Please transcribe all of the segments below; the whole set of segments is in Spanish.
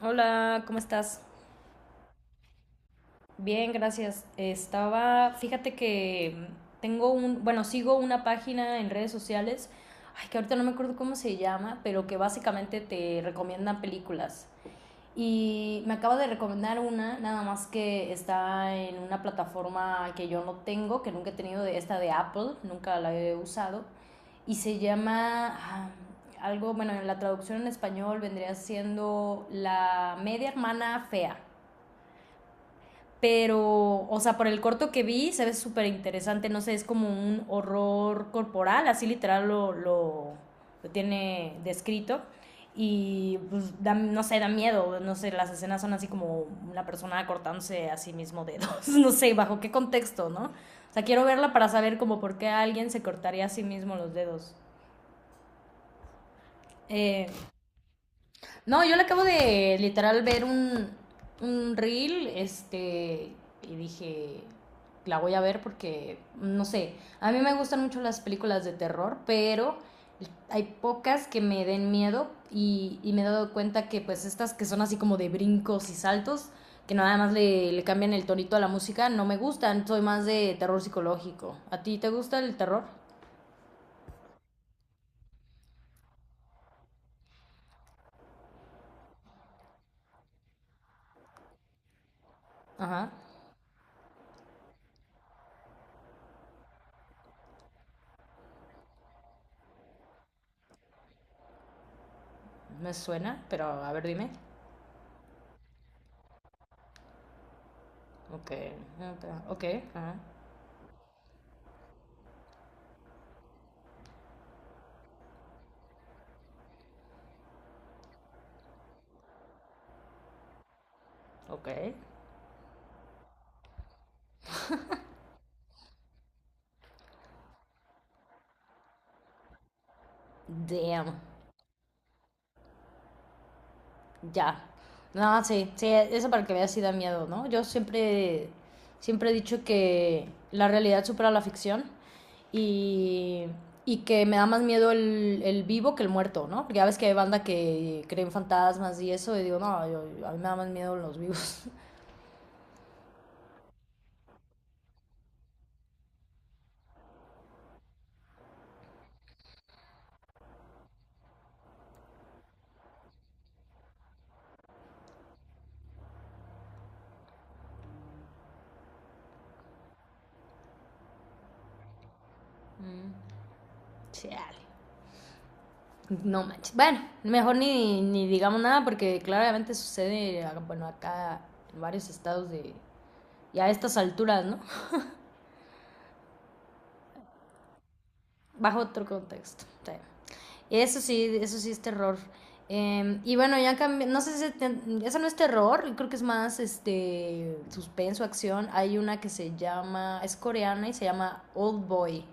Hola, ¿cómo estás? Bien, gracias. Estaba, fíjate que bueno, sigo una página en redes sociales, ay, que ahorita no me acuerdo cómo se llama, pero que básicamente te recomiendan películas. Y me acaba de recomendar una, nada más que está en una plataforma que yo no tengo, que nunca he tenido, de esta de Apple, nunca la he usado, y se llama algo, bueno, en la traducción en español vendría siendo La media hermana fea. Pero, o sea, por el corto que vi, se ve súper interesante. No sé, es como un horror corporal, así literal lo tiene descrito. Y pues, no sé, da miedo. No sé, las escenas son así como una persona cortándose a sí mismo dedos. No sé, bajo qué contexto, ¿no? O sea, quiero verla para saber como por qué alguien se cortaría a sí mismo los dedos. Eh, No, yo le acabo de literal ver un reel, este, y dije, la voy a ver porque, no sé, a mí me gustan mucho las películas de terror, pero hay pocas que me den miedo y me he dado cuenta que pues estas que son así como de brincos y saltos, que nada más le cambian el tonito a la música, no me gustan, soy más de terror psicológico. ¿A ti te gusta el terror? Ajá, me suena, pero a ver, dime. Ok, ok, ajá. Ok. Damn. Ya. No, sí, sí, eso para que veas si da miedo, ¿no? Yo siempre, siempre he dicho que la realidad supera la ficción y, y que me da más miedo el vivo que el muerto, ¿no? Porque ya ves que hay banda que cree en fantasmas y eso y digo, no, a mí me da más miedo los vivos. Chale. No manches. Bueno, mejor ni digamos nada porque claramente sucede, bueno, acá en varios estados de... Y a estas alturas, ¿no? Bajo otro contexto. Sí. Eso sí, eso sí es terror. Y bueno, ya cambié, no sé si eso no es terror, creo que es más este suspenso, acción. Hay una que se llama, es coreana y se llama Old Boy.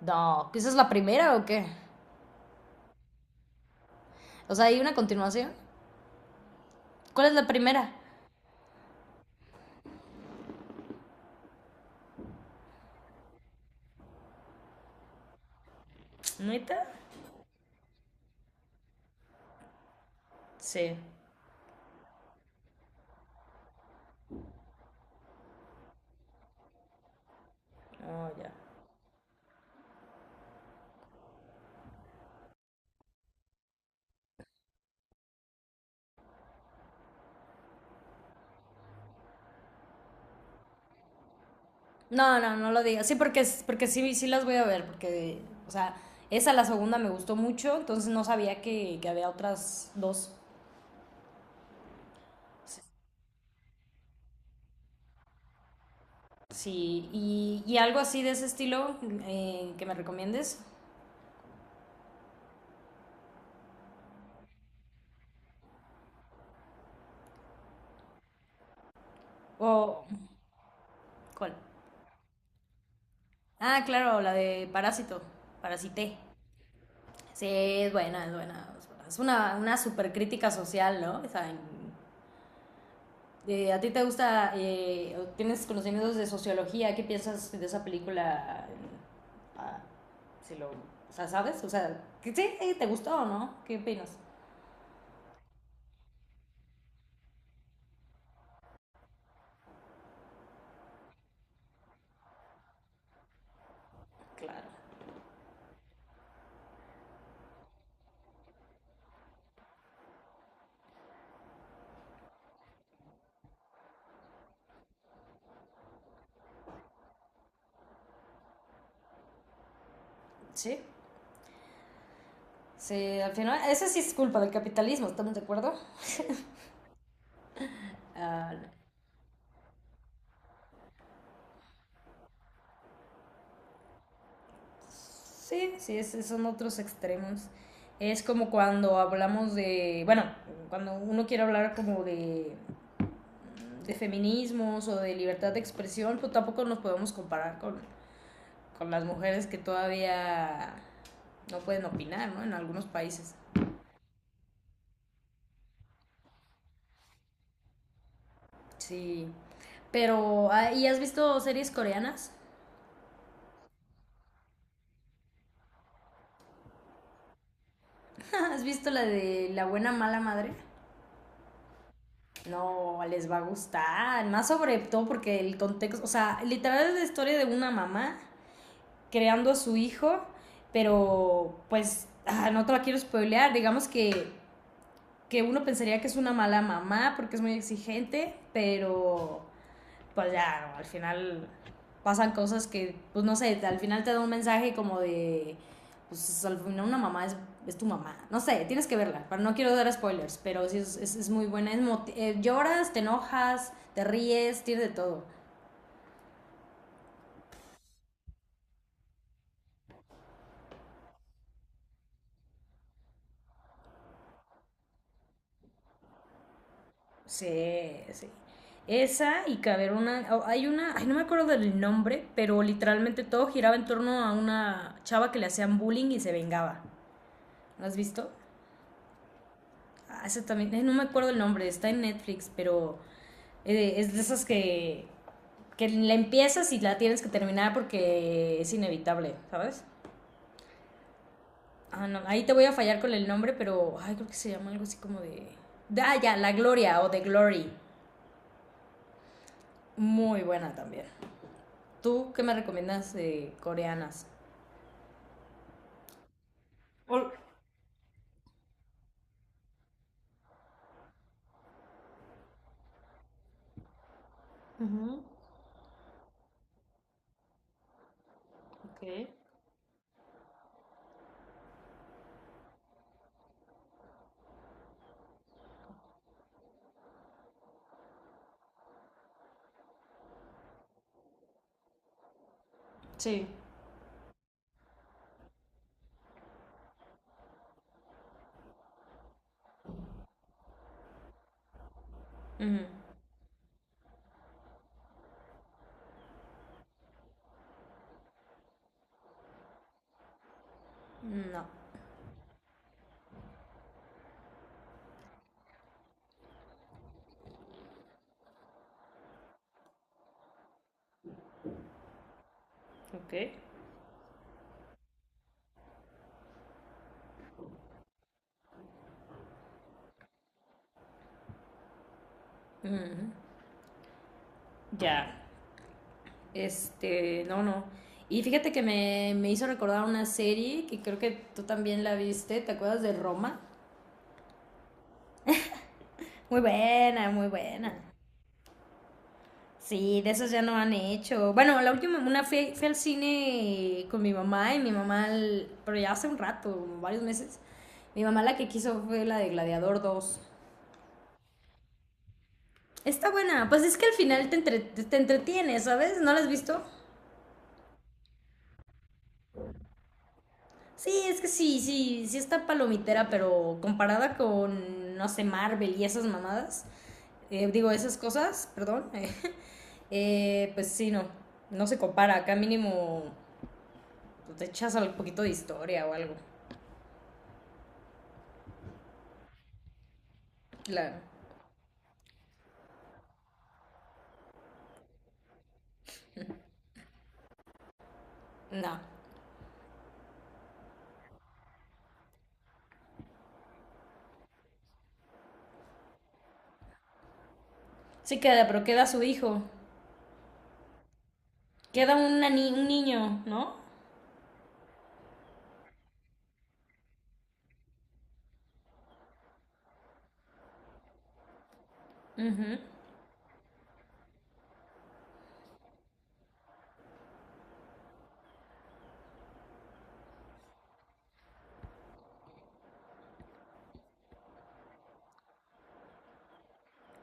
No, ¿esa es la primera o qué? O sea, hay una continuación. ¿Cuál es la primera? ¿Neta? Sí. Oh, ya. No, no, no lo digas. Sí, porque, porque sí, sí las voy a ver, porque, o sea, esa la segunda me gustó mucho, entonces no sabía que había otras dos. Sí, sí, y algo así de ese estilo que me recomiendes. O, ¿cuál? Ah, claro, la de Parásito, Parasité. Sí, es buena, es buena. Es una super crítica social, ¿no? O sea, de, ¿a ti te gusta, tienes conocimientos de sociología? ¿Qué piensas de esa película? Ah, si lo, o sea, ¿sabes? O sea, sí, ¿te gustó o no? ¿Qué opinas? Claro. Sí. Sí, al final, esa sí es culpa del capitalismo, ¿estamos de acuerdo? Ah, sí, sí, son otros extremos. Es como cuando hablamos de, bueno, cuando uno quiere hablar como de feminismos o de libertad de expresión, pues tampoco nos podemos comparar con las mujeres que todavía no pueden opinar, ¿no? En algunos países. Sí. Pero, ¿y has visto series coreanas? ¿Has visto la de La buena mala madre? No, les va a gustar. Más sobre todo porque el contexto, o sea, literal es la historia de una mamá creando a su hijo, pero pues no te la quiero spoilear. Digamos que uno pensaría que es una mala mamá porque es muy exigente, pero pues ya, ¿no? Al final pasan cosas que, pues no sé, al final te da un mensaje como de, pues al final una mamá es tu mamá. No sé, tienes que verla, pero no quiero dar spoilers, pero sí es muy buena. Lloras, te enojas, te ríes, tienes de todo. Sí, sí. Esa y que haber una, oh, hay una, ay, no me acuerdo del nombre, pero literalmente todo giraba en torno a una chava que le hacían bullying y se vengaba. ¿Lo has visto? Ah, esa también, no me acuerdo el nombre, está en Netflix, pero es de esas que la empiezas y la tienes que terminar porque es inevitable, ¿sabes? Ah, no, ahí te voy a fallar con el nombre, pero ay, creo que se llama algo así como de... ya, La Gloria o The Glory. Muy buena también. ¿Tú qué me recomiendas de coreanas? Ok. Sí. Ujú. No. Ok. Ujú. Ya. Este, no, no. Y fíjate que me hizo recordar una serie que creo que tú también la viste, ¿te acuerdas de Roma? Muy buena, muy buena. Sí, de esas ya no han hecho. Bueno, la última, una fui al cine con mi mamá y mi mamá, pero ya hace un rato, varios meses. Mi mamá la que quiso fue la de Gladiador II. Está buena, pues es que al final te, te entretiene, ¿sabes? ¿No la has visto? Sí, es que sí, sí, sí está palomitera, pero comparada con, no sé, Marvel y esas mamadas, digo, esas cosas, perdón, pues sí, no, no se compara. Acá mínimo pues, te echas un poquito de historia o algo. La- no, sí queda, pero queda su hijo. Queda una un niño, ¿no? Ujú.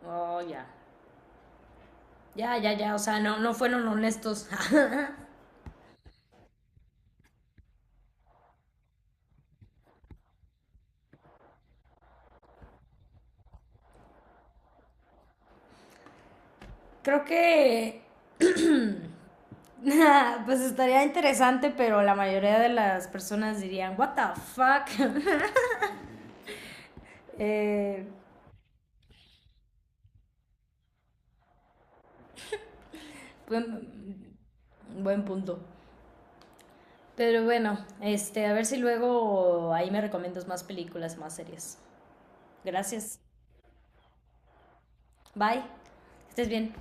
Oh, ya. Ya, ya, ya, o sea, no, no fueron honestos. Creo que pues estaría interesante, pero la mayoría de las personas dirían, what the fuck. Eh, buen, buen punto. Pero bueno, este, a ver si luego ahí me recomiendas más películas, más series. Gracias. Bye. Estés bien.